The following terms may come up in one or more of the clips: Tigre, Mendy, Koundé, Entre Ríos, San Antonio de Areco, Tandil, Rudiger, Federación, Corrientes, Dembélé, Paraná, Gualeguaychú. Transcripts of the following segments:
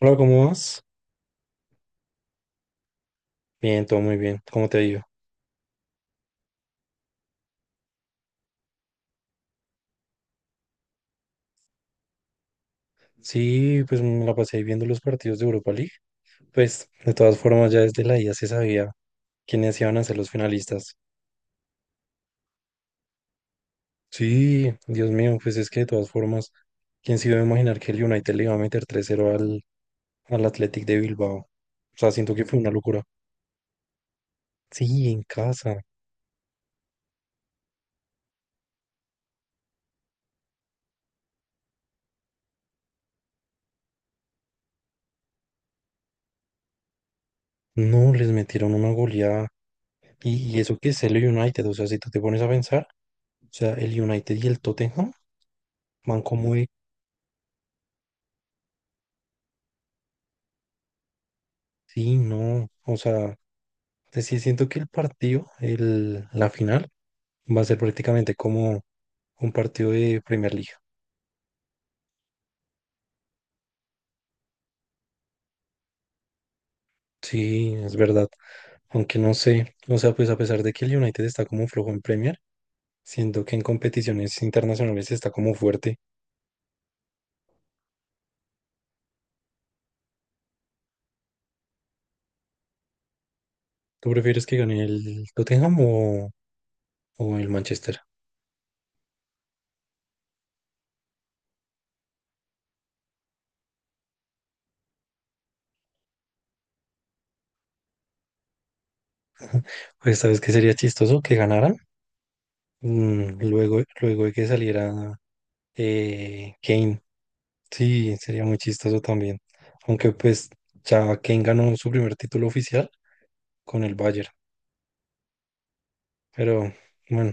Hola, ¿cómo vas? Bien, todo muy bien. ¿Cómo te ha ido? Sí, pues me la pasé viendo los partidos de Europa League. Pues de todas formas ya desde la ida se sabía quiénes iban a ser los finalistas. Sí, Dios mío, pues es que de todas formas, ¿quién se iba a imaginar que el United le iba a meter tres cero al Athletic de Bilbao? O sea, siento que fue una locura. Sí, en casa. No, les metieron una goleada. Y eso que es el United, o sea, si tú te pones a pensar, o sea, el United y el Tottenham van como de... Sí, no, o sea... Entonces, sí, siento que el partido, el, la final, va a ser prácticamente como un partido de Premier League. Sí, es verdad. Aunque no sé, o sea, pues a pesar de que el United está como flojo en Premier, siento que en competiciones internacionales está como fuerte. ¿Tú prefieres que gane el Tottenham o el Manchester? Pues sabes que sería chistoso que ganaran luego, luego de que saliera Kane. Sí, sería muy chistoso también. Aunque pues ya Kane ganó su primer título oficial con el Bayern. Pero bueno,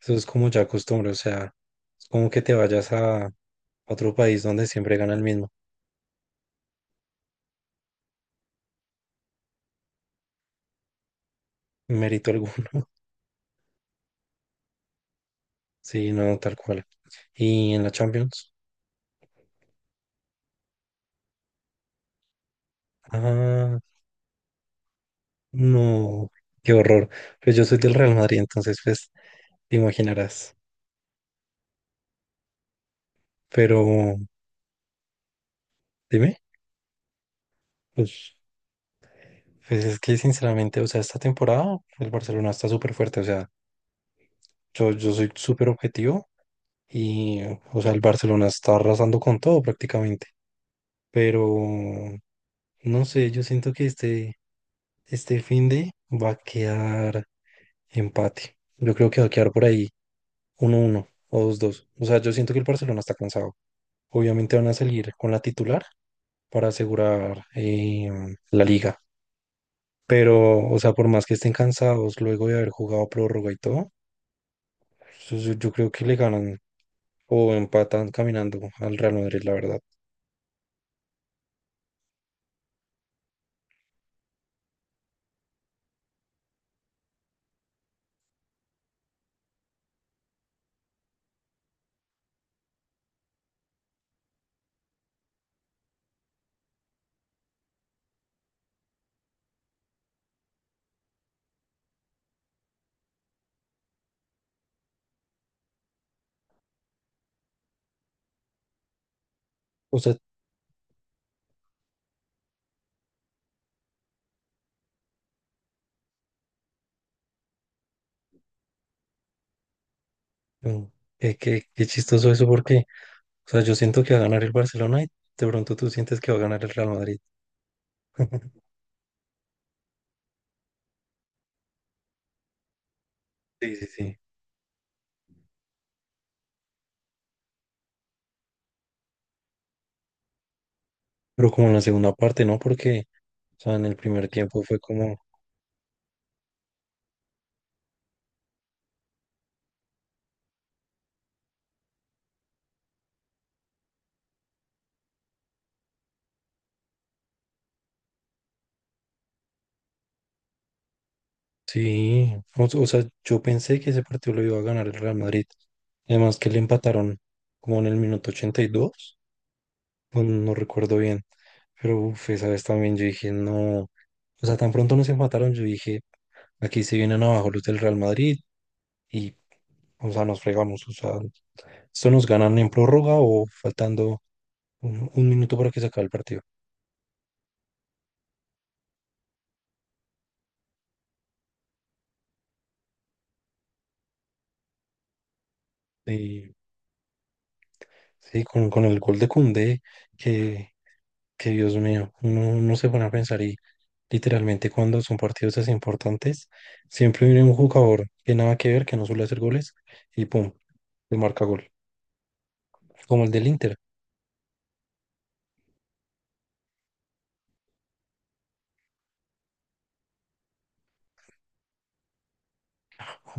eso es como ya costumbre, o sea, es como que te vayas a otro país donde siempre gana el mismo, mérito alguno. Sí, no, tal cual. Y en la Champions, ah, no, qué horror. Pues yo soy del Real Madrid, entonces pues te imaginarás. Pero dime, pues, pues es que sinceramente, o sea, esta temporada el Barcelona está súper fuerte, o sea, yo soy súper objetivo y, o sea, el Barcelona está arrasando con todo prácticamente. Pero no sé, yo siento que este de va a quedar empate. Yo creo que va a quedar por ahí uno uno o dos dos. O sea, yo siento que el Barcelona está cansado. Obviamente van a salir con la titular para asegurar la liga. Pero, o sea, por más que estén cansados luego de haber jugado prórroga y todo, yo creo que le ganan o empatan caminando al Real Madrid, la verdad. O sea, mm, qué chistoso eso porque o sea, yo siento que va a ganar el Barcelona y de pronto tú sientes que va a ganar el Real Madrid. Sí, sí, sí. Pero como en la segunda parte, ¿no? Porque, o sea, en el primer tiempo fue como, sí, o sea, yo pensé que ese partido lo iba a ganar el Real Madrid. Además que le empataron como en el minuto 82, o no recuerdo bien. Pero, uff, esa vez también yo dije, no, o sea, tan pronto nos empataron, yo dije, aquí se vienen abajo los del Real Madrid y, o sea, nos fregamos, o sea, esto nos ganan en prórroga o faltando un minuto para que se acabe el partido. Y sí, con el gol de Koundé, que, que Dios mío, no, no se van a pensar y literalmente cuando son partidos así importantes, siempre viene un jugador que nada que ver, que no suele hacer goles y pum, le marca gol. Como el del Inter,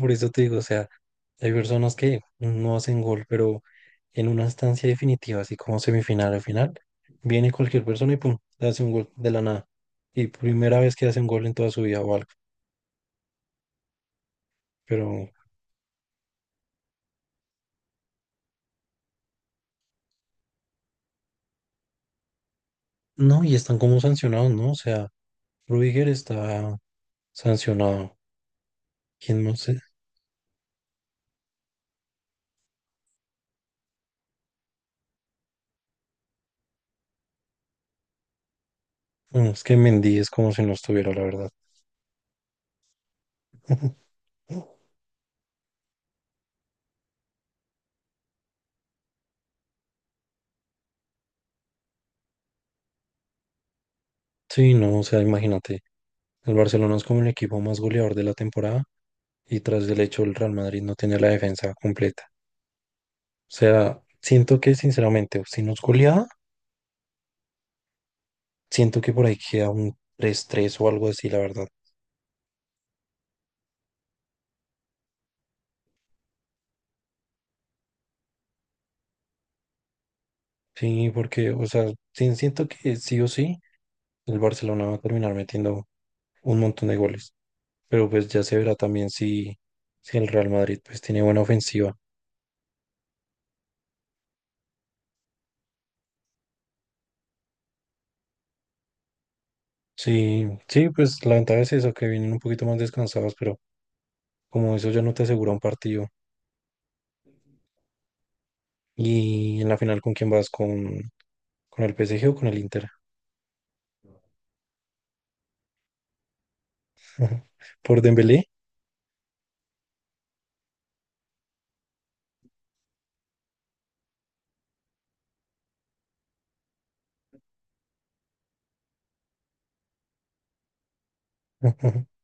por eso te digo, o sea, hay personas que no hacen gol, pero en una instancia definitiva, así como semifinal o final, viene cualquier persona y pum, le hace un gol de la nada. Y primera vez que hace un gol en toda su vida o algo. Pero no, y están como sancionados, ¿no? O sea, Rudiger está sancionado. ¿Quién no sé? Bueno, es que Mendy es como si no estuviera, la verdad. Sí, no, o sea, imagínate, el Barcelona es como el equipo más goleador de la temporada y tras el hecho el Real Madrid no tiene la defensa completa. O sea, siento que sinceramente, si nos goleada, siento que por ahí queda un tres tres o algo así, la verdad. Sí, porque, o sea, sí, siento que sí o sí, el Barcelona va a terminar metiendo un montón de goles. Pero pues ya se verá también si, si el Real Madrid pues tiene buena ofensiva. Sí, sí, pues la ventaja es eso, que vienen un poquito más descansados, pero como eso ya no te asegura un partido. Y en la final, ¿con quién vas? Con el PSG o con el Inter? ¿Por Dembélé?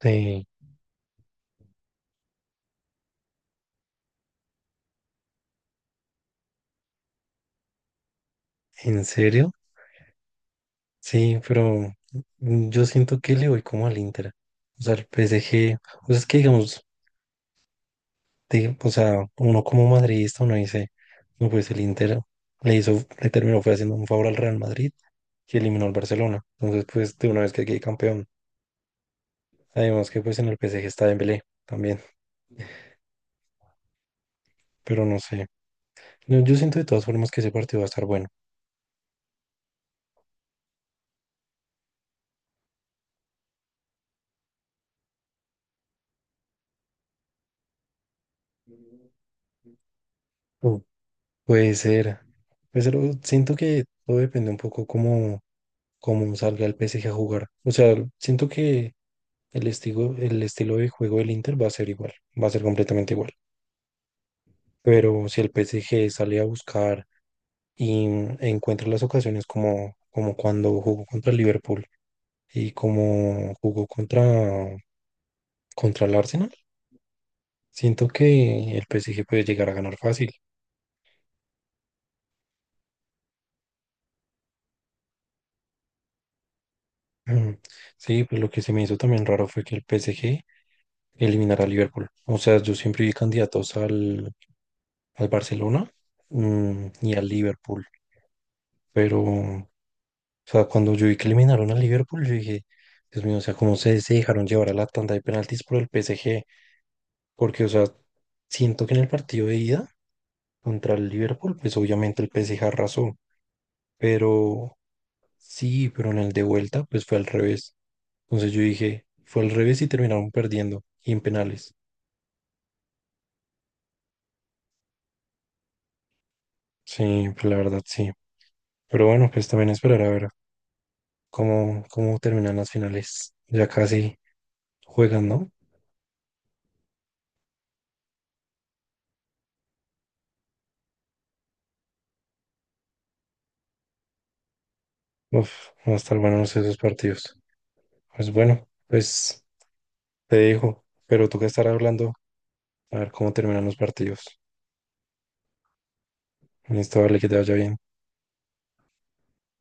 Sí. ¿En serio? Sí, pero yo siento que le voy como al Inter. O sea, el PSG, o sea, es que digamos, de- o sea, uno como madridista, uno dice, no, pues el Inter le hizo, le terminó, fue haciendo un favor al Real Madrid que eliminó al Barcelona. Entonces, pues de una vez que quede campeón. Además que pues en el PSG está Dembélé también, pero no sé. No, yo siento de todas formas que ese partido va a estar bueno. Mm. Puede ser, puede ser, o- siento que todo depende un poco como cómo salga el PSG a jugar. O sea, siento que el estilo de juego del Inter va a ser igual, va a ser completamente igual. Pero si el PSG sale a buscar y encuentra las ocasiones como, como cuando jugó contra el Liverpool y como jugó contra, contra el Arsenal, siento que el PSG puede llegar a ganar fácil. Ujú. Sí, pues lo que se me hizo también raro fue que el PSG eliminara a Liverpool. O sea, yo siempre vi candidatos al, al Barcelona y al Liverpool. Pero, o sea, cuando yo vi que eliminaron al Liverpool, yo dije, Dios mío, o sea, cómo se dejaron llevar a la tanda de penaltis por el P S G. Porque, o sea, siento que en el partido de ida contra el Liverpool, pues obviamente el P S G arrasó. Pero sí, pero en el de vuelta, pues fue al revés. Entonces yo dije, fue al revés y terminaron perdiendo y en penales. Sí, pues la verdad, sí. Pero bueno, pues también esperar a ver cómo terminan las finales. Ya casi. Juegan, ¿no? Uf, van a estar buenos esos partidos. Pues bueno, pues te dejo, pero tú que estarás hablando, a ver cómo terminan los partidos. Listo, vale, que te vaya bien.